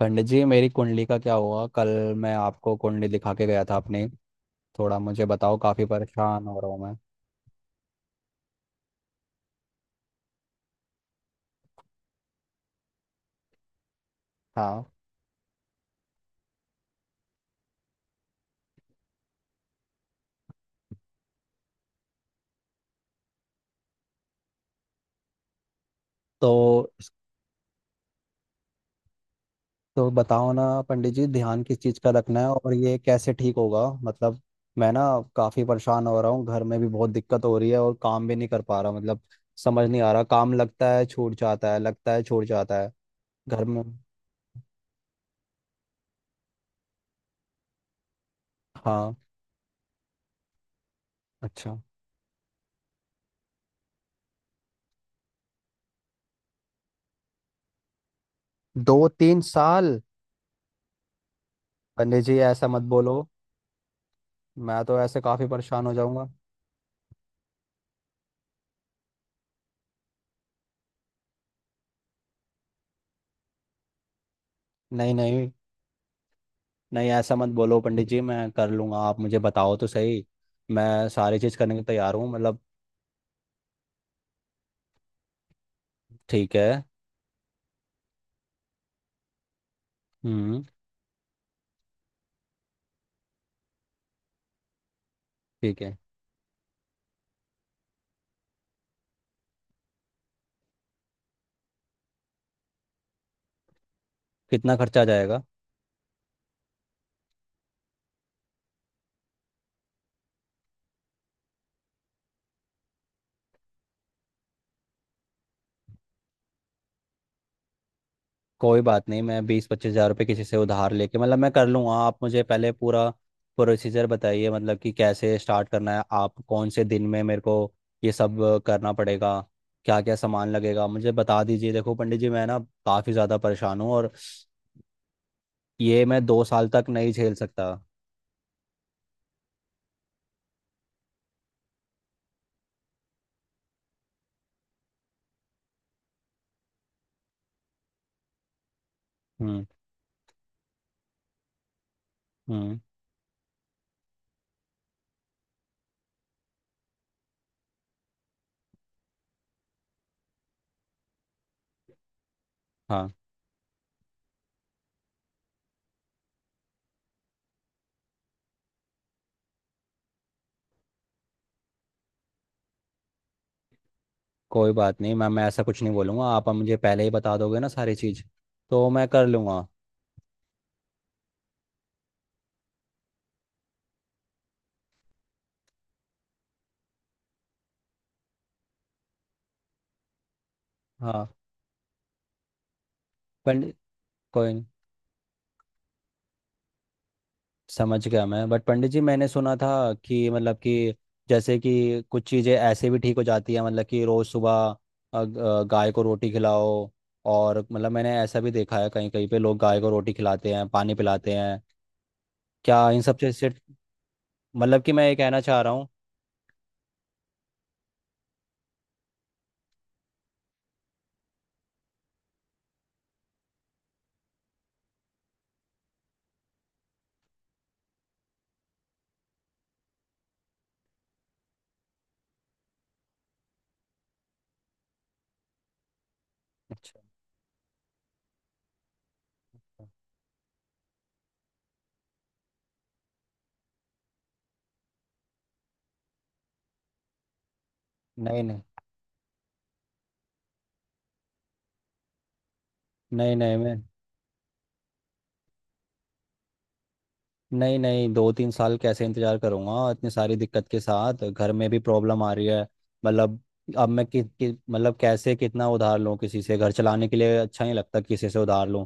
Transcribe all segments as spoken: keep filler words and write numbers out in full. पंडित जी, मेरी कुंडली का क्या हुआ कल। मैं आपको कुंडली दिखा के गया था अपनी। थोड़ा मुझे बताओ, काफ़ी परेशान हो रहा हूँ मैं। हाँ। तो तो बताओ ना पंडित जी, ध्यान किस चीज़ का रखना है और ये कैसे ठीक होगा मतलब। मैं ना काफ़ी परेशान हो रहा हूँ, घर में भी बहुत दिक्कत हो रही है और काम भी नहीं कर पा रहा मतलब। समझ नहीं आ रहा, काम लगता है छूट जाता है, लगता है छूट जाता है घर में। हाँ। अच्छा। दो तीन साल? पंडित जी ऐसा मत बोलो, मैं तो ऐसे काफ़ी परेशान हो जाऊंगा। नहीं नहीं, नहीं ऐसा मत बोलो पंडित जी, मैं कर लूंगा। आप मुझे बताओ तो सही, मैं सारी चीज़ करने को तैयार हूँ मतलब। ठीक है। हम्म। ठीक है। कितना खर्चा आ जाएगा? कोई बात नहीं, मैं बीस पच्चीस हज़ार रुपये किसी से उधार लेके मतलब मैं कर लूँगा। आप मुझे पहले पूरा प्रोसीजर बताइए मतलब कि कैसे स्टार्ट करना है, आप कौन से दिन में मेरे को ये सब करना पड़ेगा, क्या क्या सामान लगेगा मुझे बता दीजिए। देखो पंडित जी, मैं ना काफ़ी ज़्यादा परेशान हूँ, और ये मैं दो साल तक नहीं झेल सकता। हम्म। हम्म। हाँ। कोई बात नहीं मैम, मैं ऐसा कुछ नहीं बोलूँगा। आप मुझे पहले ही बता दोगे ना सारी चीज़, तो मैं कर लूँगा। हाँ। पंडित, कोई नहीं। समझ गया मैं, बट पंडित जी मैंने सुना था कि मतलब कि, जैसे कि कुछ चीज़ें ऐसे भी ठीक हो जाती है, मतलब कि रोज़ सुबह अ, ग- अ, गाय को रोटी खिलाओ। और मतलब मैंने ऐसा भी देखा है, कहीं कहीं पे लोग गाय को रोटी खिलाते हैं, पानी पिलाते हैं। क्या इन सब चीज़ से मतलब कि, मैं ये कहना चाह रहा हूँ। अच्छा। नहीं नहीं। नहीं नहीं मैं। नहीं नहीं, दो तीन साल कैसे इंतजार करूंगा, इतनी सारी दिक्कत के साथ घर में भी प्रॉब्लम आ रही है मतलब। अब मैं कि, कि मतलब कैसे, कितना उधार लूं किसी से, घर चलाने के लिए अच्छा नहीं लगता किसी से उधार लूं।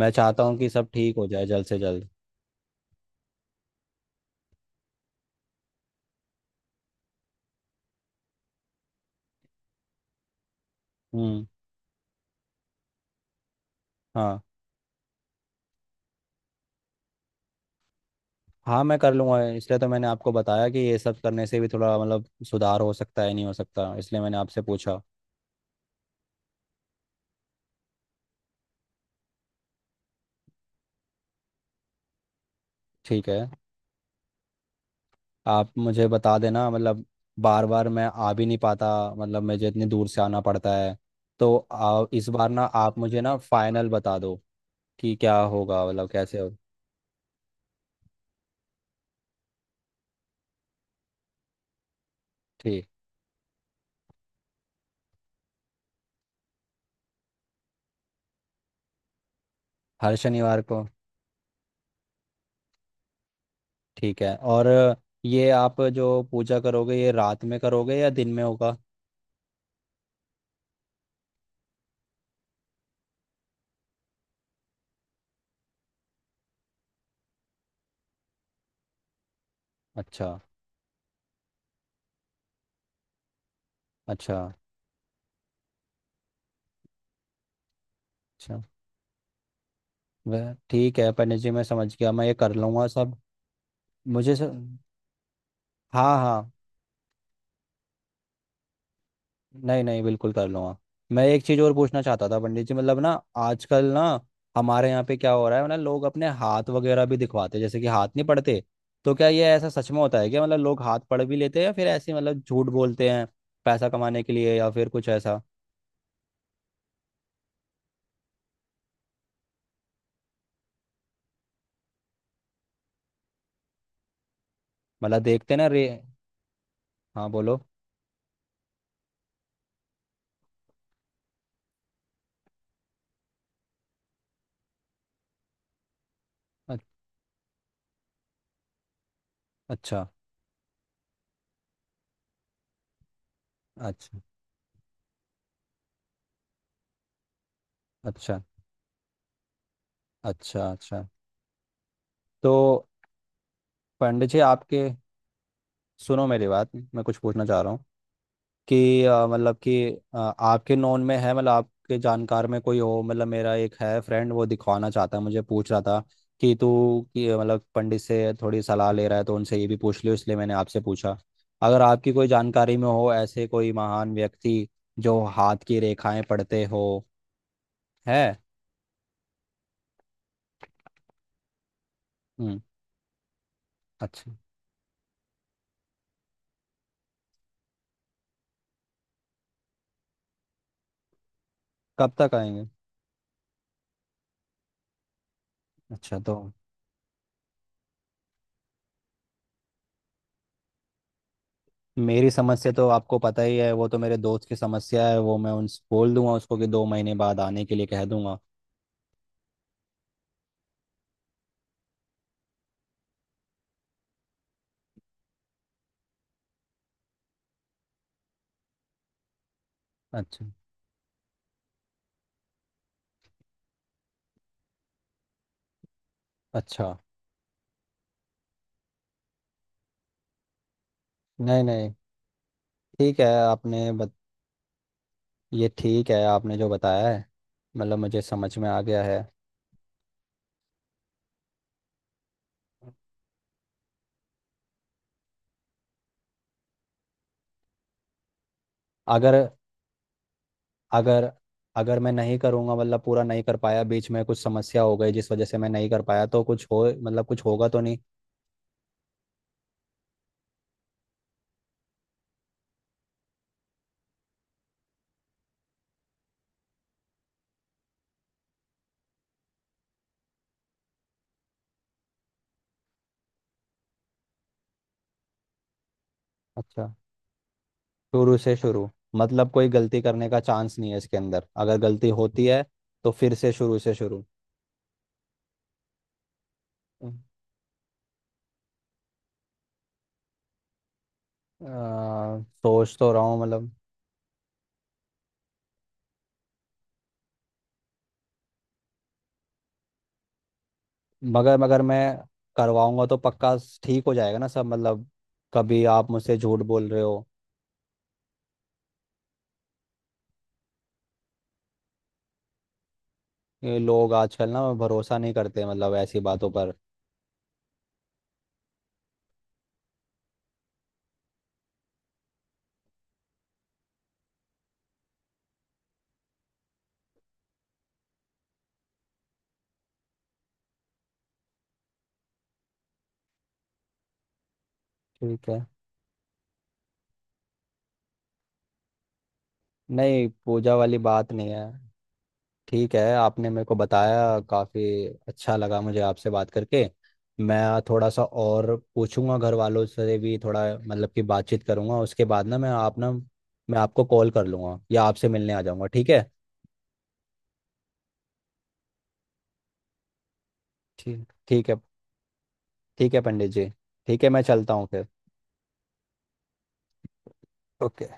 मैं चाहता हूं कि सब ठीक हो जाए जल्द से जल्द। हम्म। हाँ हाँ, मैं कर लूंगा। इसलिए तो मैंने आपको बताया कि ये सब करने से भी थोड़ा मतलब सुधार हो सकता है, नहीं हो सकता, इसलिए मैंने आपसे पूछा। ठीक है। आप मुझे बता देना मतलब, बार बार मैं आ भी नहीं पाता, मतलब मुझे इतनी दूर से आना पड़ता है। तो आ, इस बार ना, आप मुझे ना फाइनल बता दो कि क्या होगा, मतलब कैसे हो। ठीक। हर शनिवार को? ठीक है। और ये आप जो पूजा करोगे, ये रात में करोगे या दिन में होगा? अच्छा। अच्छा। अच्छा। वह ठीक है पंडित जी, मैं समझ गया, मैं ये कर लूँगा सब। मुझे सर। हाँ हाँ, नहीं नहीं, बिल्कुल कर लूंगा। मैं एक चीज़ और पूछना चाहता था पंडित जी, मतलब ना, आजकल ना हमारे यहाँ पे क्या हो रहा है मतलब, लोग अपने हाथ वगैरह भी दिखवाते हैं, जैसे कि हाथ नहीं पढ़ते। तो क्या ये ऐसा सच में होता है क्या, मतलब लोग हाथ पढ़ भी लेते हैं या फिर ऐसे मतलब झूठ बोलते हैं पैसा कमाने के लिए, या फिर कुछ ऐसा। मतलब देखते ना रे। हाँ बोलो। अ- अच्छा। अच्छा। अच्छा। अच्छा। अच्छा। तो पंडित जी आपके, सुनो मेरी बात, मैं कुछ पूछना चाह रहा हूँ कि अ, मतलब कि अ, आपके नोन में है, मतलब आपके जानकार में कोई हो, मतलब मेरा एक है फ्रेंड, वो दिखवाना चाहता है, मुझे पूछ रहा था कि तू कि मतलब पंडित से थोड़ी सलाह ले रहा है तो उनसे ये भी पूछ लियो, इसलिए मैंने आपसे पूछा अगर आपकी कोई जानकारी में हो ऐसे कोई महान व्यक्ति जो हाथ की रेखाएं पढ़ते हो। है। हम्म। अच्छा। कब तक आएंगे? अच्छा तो, मेरी समस्या तो आपको पता ही है, वो तो मेरे दोस्त की समस्या है। वो मैं उनसे बोल दूंगा उसको कि दो महीने बाद आने के लिए कह दूंगा। अच्छा। अच्छा। नहीं नहीं। ठीक है आपने बत... ये ठीक है आपने जो बताया है, मतलब मुझे समझ में आ गया है। अगर, अगर, अगर मैं नहीं करूँगा मतलब पूरा नहीं कर पाया, बीच में कुछ समस्या हो गई जिस वजह से मैं नहीं कर पाया, तो कुछ हो मतलब कुछ होगा तो नहीं? अच्छा। शुरू से शुरू। मतलब कोई गलती करने का चांस नहीं है इसके अंदर? अगर गलती होती है तो फिर से शुरू से शुरू। अ, सोच तो रहा हूँ मतलब। मगर मगर मैं करवाऊंगा तो पक्का ठीक हो जाएगा ना सब मतलब? कभी आप मुझसे झूठ बोल रहे हो। ये लोग आजकल ना भरोसा नहीं करते मतलब, ऐसी बातों पर। ठीक है। नहीं, पूजा वाली बात नहीं है। ठीक है, आपने मेरे को बताया, काफ़ी अच्छा लगा मुझे आपसे बात करके। मैं थोड़ा सा और पूछूंगा घर वालों से भी, थोड़ा मतलब कि बातचीत करूंगा, उसके बाद ना मैं आप ना, मैं आपको कॉल कर लूंगा या आपसे मिलने आ जाऊंगा, ठीक है। ठीक, ठीक है। ठीक है पंडित जी। ठीक है, मैं चलता हूँ फिर। ओके।